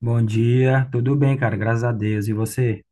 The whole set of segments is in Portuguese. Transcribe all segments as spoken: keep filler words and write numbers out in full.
Bom dia, tudo bem, cara? Graças a Deus. E você?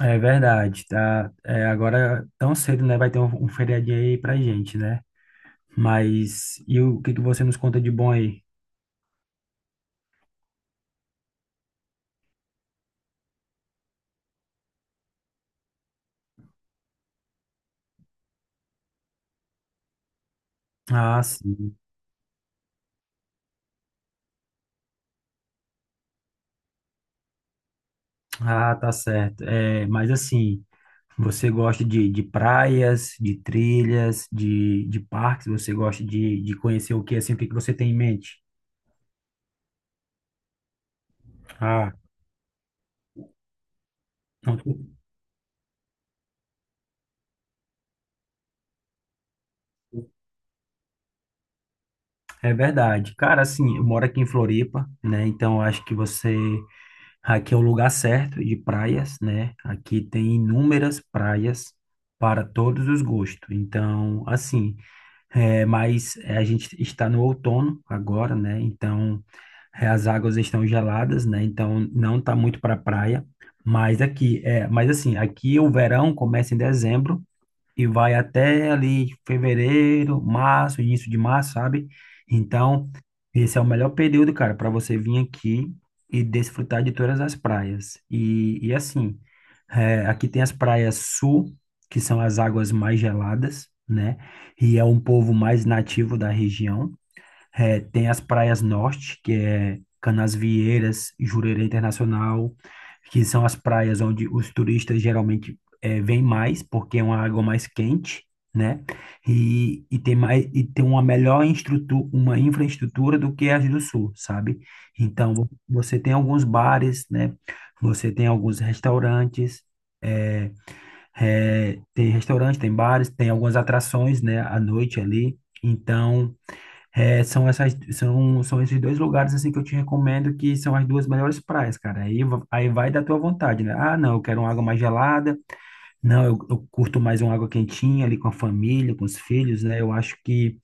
É verdade, tá? É, agora tão cedo, né? Vai ter um, um feriadinho aí pra gente, né? Mas e o que que você nos conta de bom aí? Ah, sim. Ah, tá certo. É, mas assim, você gosta de, de praias, de trilhas, de, de parques? Você gosta de, de conhecer o que assim? O que que você tem em mente? Ah, não, é verdade. Cara, assim, eu moro aqui em Floripa, né? Então eu acho que você aqui é o lugar certo de praias, né? Aqui tem inúmeras praias para todos os gostos. Então, assim, é, mas é, a gente está no outono agora, né? Então, é, as águas estão geladas, né? Então, não está muito para praia. Mas aqui é, mas assim, aqui o verão começa em dezembro e vai até ali fevereiro, março, início de março, sabe? Então, esse é o melhor período, cara, para você vir aqui e desfrutar de todas as praias. E, e assim, é, aqui tem as praias sul, que são as águas mais geladas, né? E é um povo mais nativo da região. É, tem as praias norte, que é Canasvieiras, Jurerê Internacional, que são as praias onde os turistas geralmente é, vêm mais, porque é uma água mais quente, né? E, e tem mais, e tem uma melhor instrutu- uma infraestrutura do que as do sul, sabe? Então, vo- você tem alguns bares, né? Você tem alguns restaurantes, é, é, tem restaurante, tem bares, tem algumas atrações, né? À noite ali. Então, é, são essas, são, são esses dois lugares assim que eu te recomendo, que são as duas melhores praias, cara. Aí, va- aí vai da tua vontade, né? Ah, não, eu quero uma água mais gelada. Não, eu, eu curto mais uma água quentinha ali com a família, com os filhos, né? Eu acho que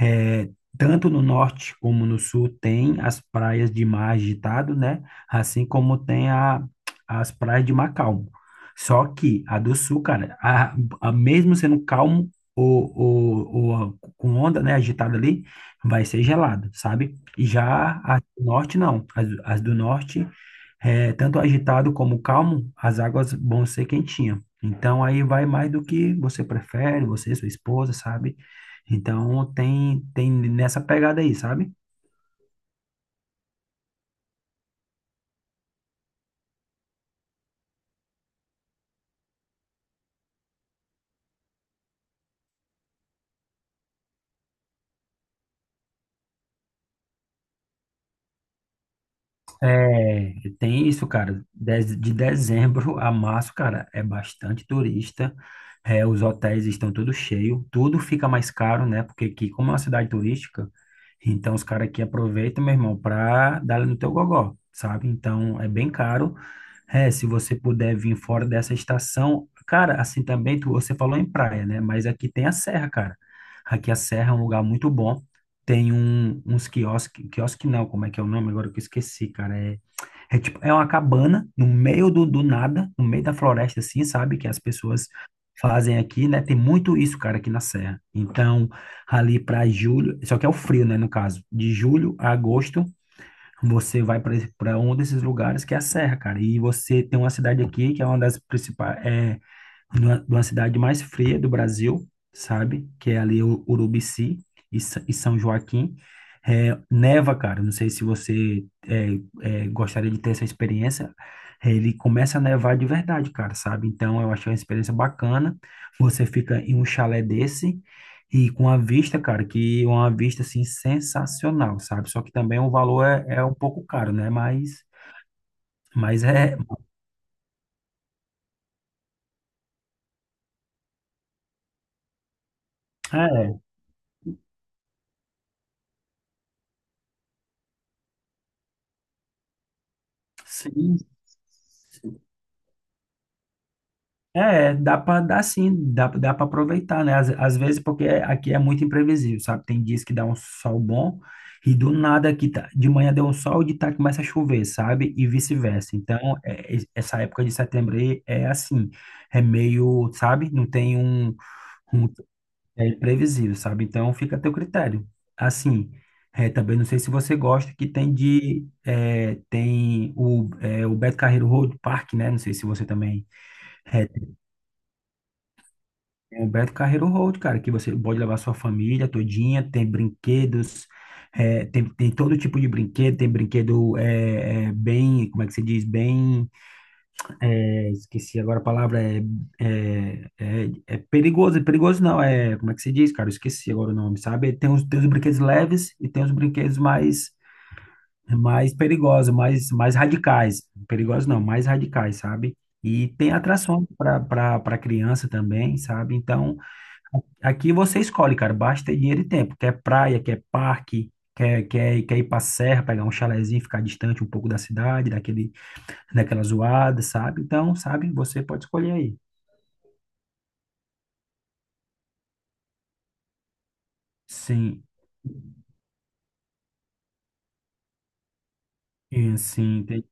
é, tanto no norte como no sul tem as praias de mar agitado, né? Assim como tem a, as praias de mar calmo. Só que a do sul, cara, a, a mesmo sendo calmo ou, ou, ou com onda, né, agitada ali, vai ser gelado, sabe? Já a do norte, não. As, as do norte, é, tanto agitado como calmo, as águas vão ser quentinhas. Então, aí vai mais do que você prefere, você, sua esposa, sabe? Então, tem, tem nessa pegada aí, sabe? É, tem isso, cara. Dez- De dezembro a março, cara, é bastante turista. É, os hotéis estão tudo cheio, tudo fica mais caro, né? Porque aqui, como é uma cidade turística, então os caras aqui aproveitam, meu irmão, pra dar no teu gogó, sabe? Então é bem caro. É, se você puder vir fora dessa estação, cara, assim também, tu, você falou em praia, né? Mas aqui tem a serra, cara. Aqui a serra é um lugar muito bom. Tem um, uns quiosques, quiosque não, como é que é o nome? Agora que eu esqueci, cara. É, é tipo, é uma cabana no meio do, do nada, no meio da floresta, assim, sabe? Que as pessoas fazem aqui, né? Tem muito isso, cara, aqui na Serra. Então, ali para julho, só que é o frio, né? No caso, de julho a agosto, você vai para um desses lugares que é a Serra, cara. E você tem uma cidade aqui que é uma das principais, é, numa- de uma cidade mais fria do Brasil, sabe? Que é ali o Urubici e, Sa- e São Joaquim. É, neva, cara. Não sei se você é, é, gostaria de ter essa experiência. É, ele começa a nevar de verdade, cara, sabe? Então eu achei uma experiência bacana. Você fica em um chalé desse e com a vista, cara, que é uma vista assim sensacional, sabe? Só que também o valor é, é um pouco caro, né? Mas, mas é, é, sim, é, é, dá pra dar sim, dá, dá para aproveitar, né? Às, às vezes, porque é, aqui é muito imprevisível, sabe? Tem dias que dá um sol bom e do nada aqui tá, de manhã deu um sol e de tarde começa a chover, sabe? E vice-versa. Então, é- é- essa época de setembro aí é assim, é meio, sabe? Não tem um, um- é imprevisível, sabe? Então, fica a teu critério. Assim, é, também não sei se você gosta que tem de, é, tem o, é, o Beto Carreiro Road Park, né? Não sei se você também. É, tem o Beto Carreiro Road, cara, que você pode levar sua família todinha, tem brinquedos, é, tem, tem todo tipo de brinquedo, tem brinquedo é, é, bem, como é que se diz, bem, é, esqueci agora a palavra, é, é, é, é perigoso, é perigoso não, é, como é que se diz, cara, eu esqueci agora o nome, sabe? Tem os, tem os brinquedos leves e tem os brinquedos mais, mais perigosos, mais, mais radicais, perigosos não, mais radicais, sabe? E tem atrações para para criança também, sabe? Então, aqui você escolhe, cara, basta ter dinheiro e tempo. Quer praia, quer parque, quer, quer, quer ir pra serra, pegar um chalezinho, ficar distante um pouco da cidade, daquele, daquela zoada, sabe? Então, sabe, você pode escolher aí. Sim, e sim, tem-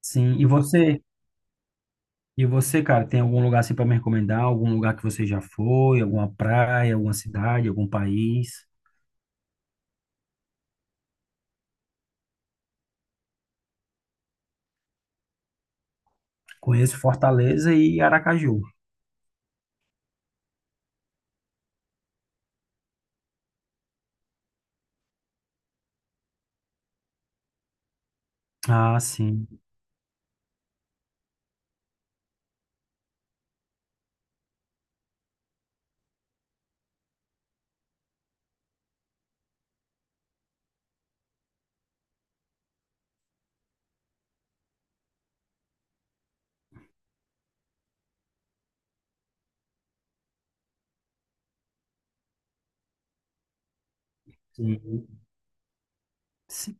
sim. E você, e você, cara, tem algum lugar assim para me recomendar? Algum lugar que você já foi? Alguma praia, alguma cidade, algum país? Conheço Fortaleza e Aracaju. Ah, sim, sim, sim.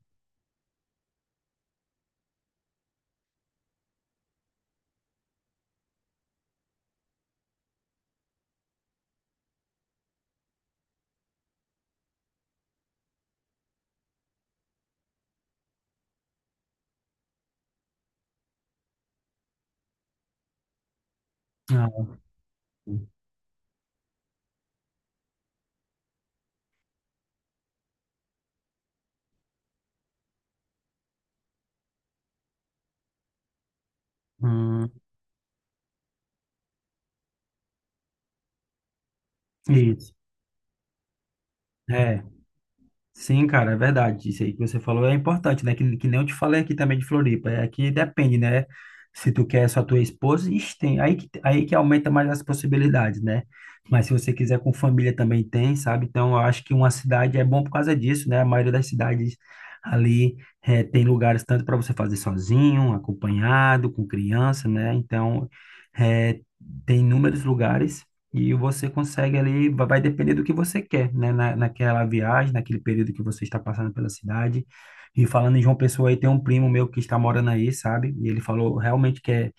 Ah, hum, isso. É. Sim, cara, é verdade. Isso aí que você falou é importante, né? Que, que nem eu te falei aqui também de Floripa. É que depende, né? Se tu quer só tua esposa, ixi, tem. Aí que, aí que aumenta mais as possibilidades, né? Mas se você quiser com família também tem, sabe? Então eu acho que uma cidade é bom por causa disso, né? A maioria das cidades ali eh, tem lugares tanto para você fazer sozinho, acompanhado, com criança, né? Então eh, tem inúmeros lugares. E você consegue ali, va- vai depender do que você quer, né? Na, naquela viagem, naquele período que você está passando pela cidade. E falando em João Pessoa, aí tem um primo meu que está morando aí, sabe? E ele falou realmente que é,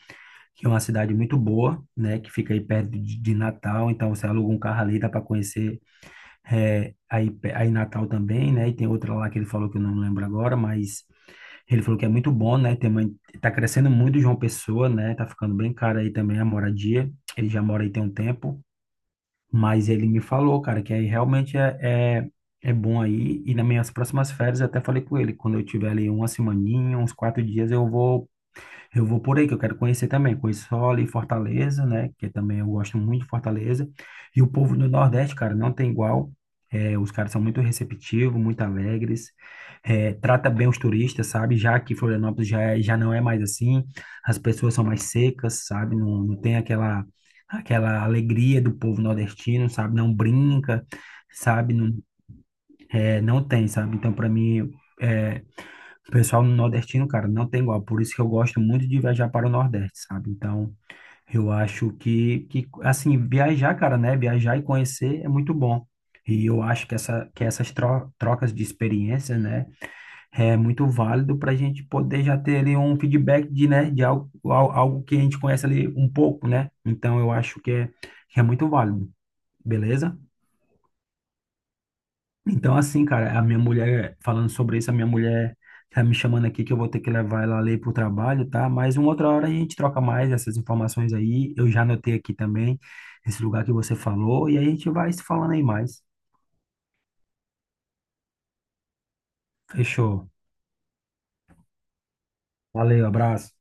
que é uma cidade muito boa, né? Que fica aí perto de, de Natal. Então você aluga um carro ali, dá para conhecer é, aí, pe- aí Natal também, né? E tem outra lá que ele falou que eu não lembro agora, mas ele falou que é muito bom, né? Tem uma, tá crescendo muito João Pessoa, né? Tá ficando bem caro aí também a moradia. Ele já mora aí tem um tempo. Mas ele me falou, cara, que aí realmente é, é, é bom aí. E nas minhas próximas férias, eu até falei com ele, quando eu tiver ali uma semaninha, uns quatro dias, eu vou eu vou por aí, que eu quero conhecer também. Conheço só ali Fortaleza, né? Que também eu gosto muito de Fortaleza. E o povo do Nordeste, cara, não tem igual. É, os caras são muito receptivos, muito alegres. É, trata bem os turistas, sabe? Já que Florianópolis já, é- já não é mais assim. As pessoas são mais secas, sabe? Não, não tem aquela, aquela alegria do povo nordestino, sabe? Não brinca, sabe? Não, é, não tem, sabe? Então, para mim. É, o pessoal no nordestino, cara, não tem igual. Por isso que eu gosto muito de viajar para o Nordeste, sabe? Então, eu acho que, que assim, viajar, cara, né? Viajar e conhecer é muito bom. E eu acho que, essa, que essas tro- trocas de experiência, né, é muito válido para a gente poder já ter ali um feedback de, né, de algo, al- algo que a gente conhece ali um pouco, né? Então, eu acho que é, que é muito válido, beleza? Então, assim, cara, a minha mulher, falando sobre isso, a minha mulher tá me chamando aqui que eu vou ter que levar ela ali pro trabalho, tá? Mas uma outra hora a gente troca mais essas informações aí. Eu já anotei aqui também esse lugar que você falou e aí a gente vai se falando aí mais. Fechou. Valeu, abraço.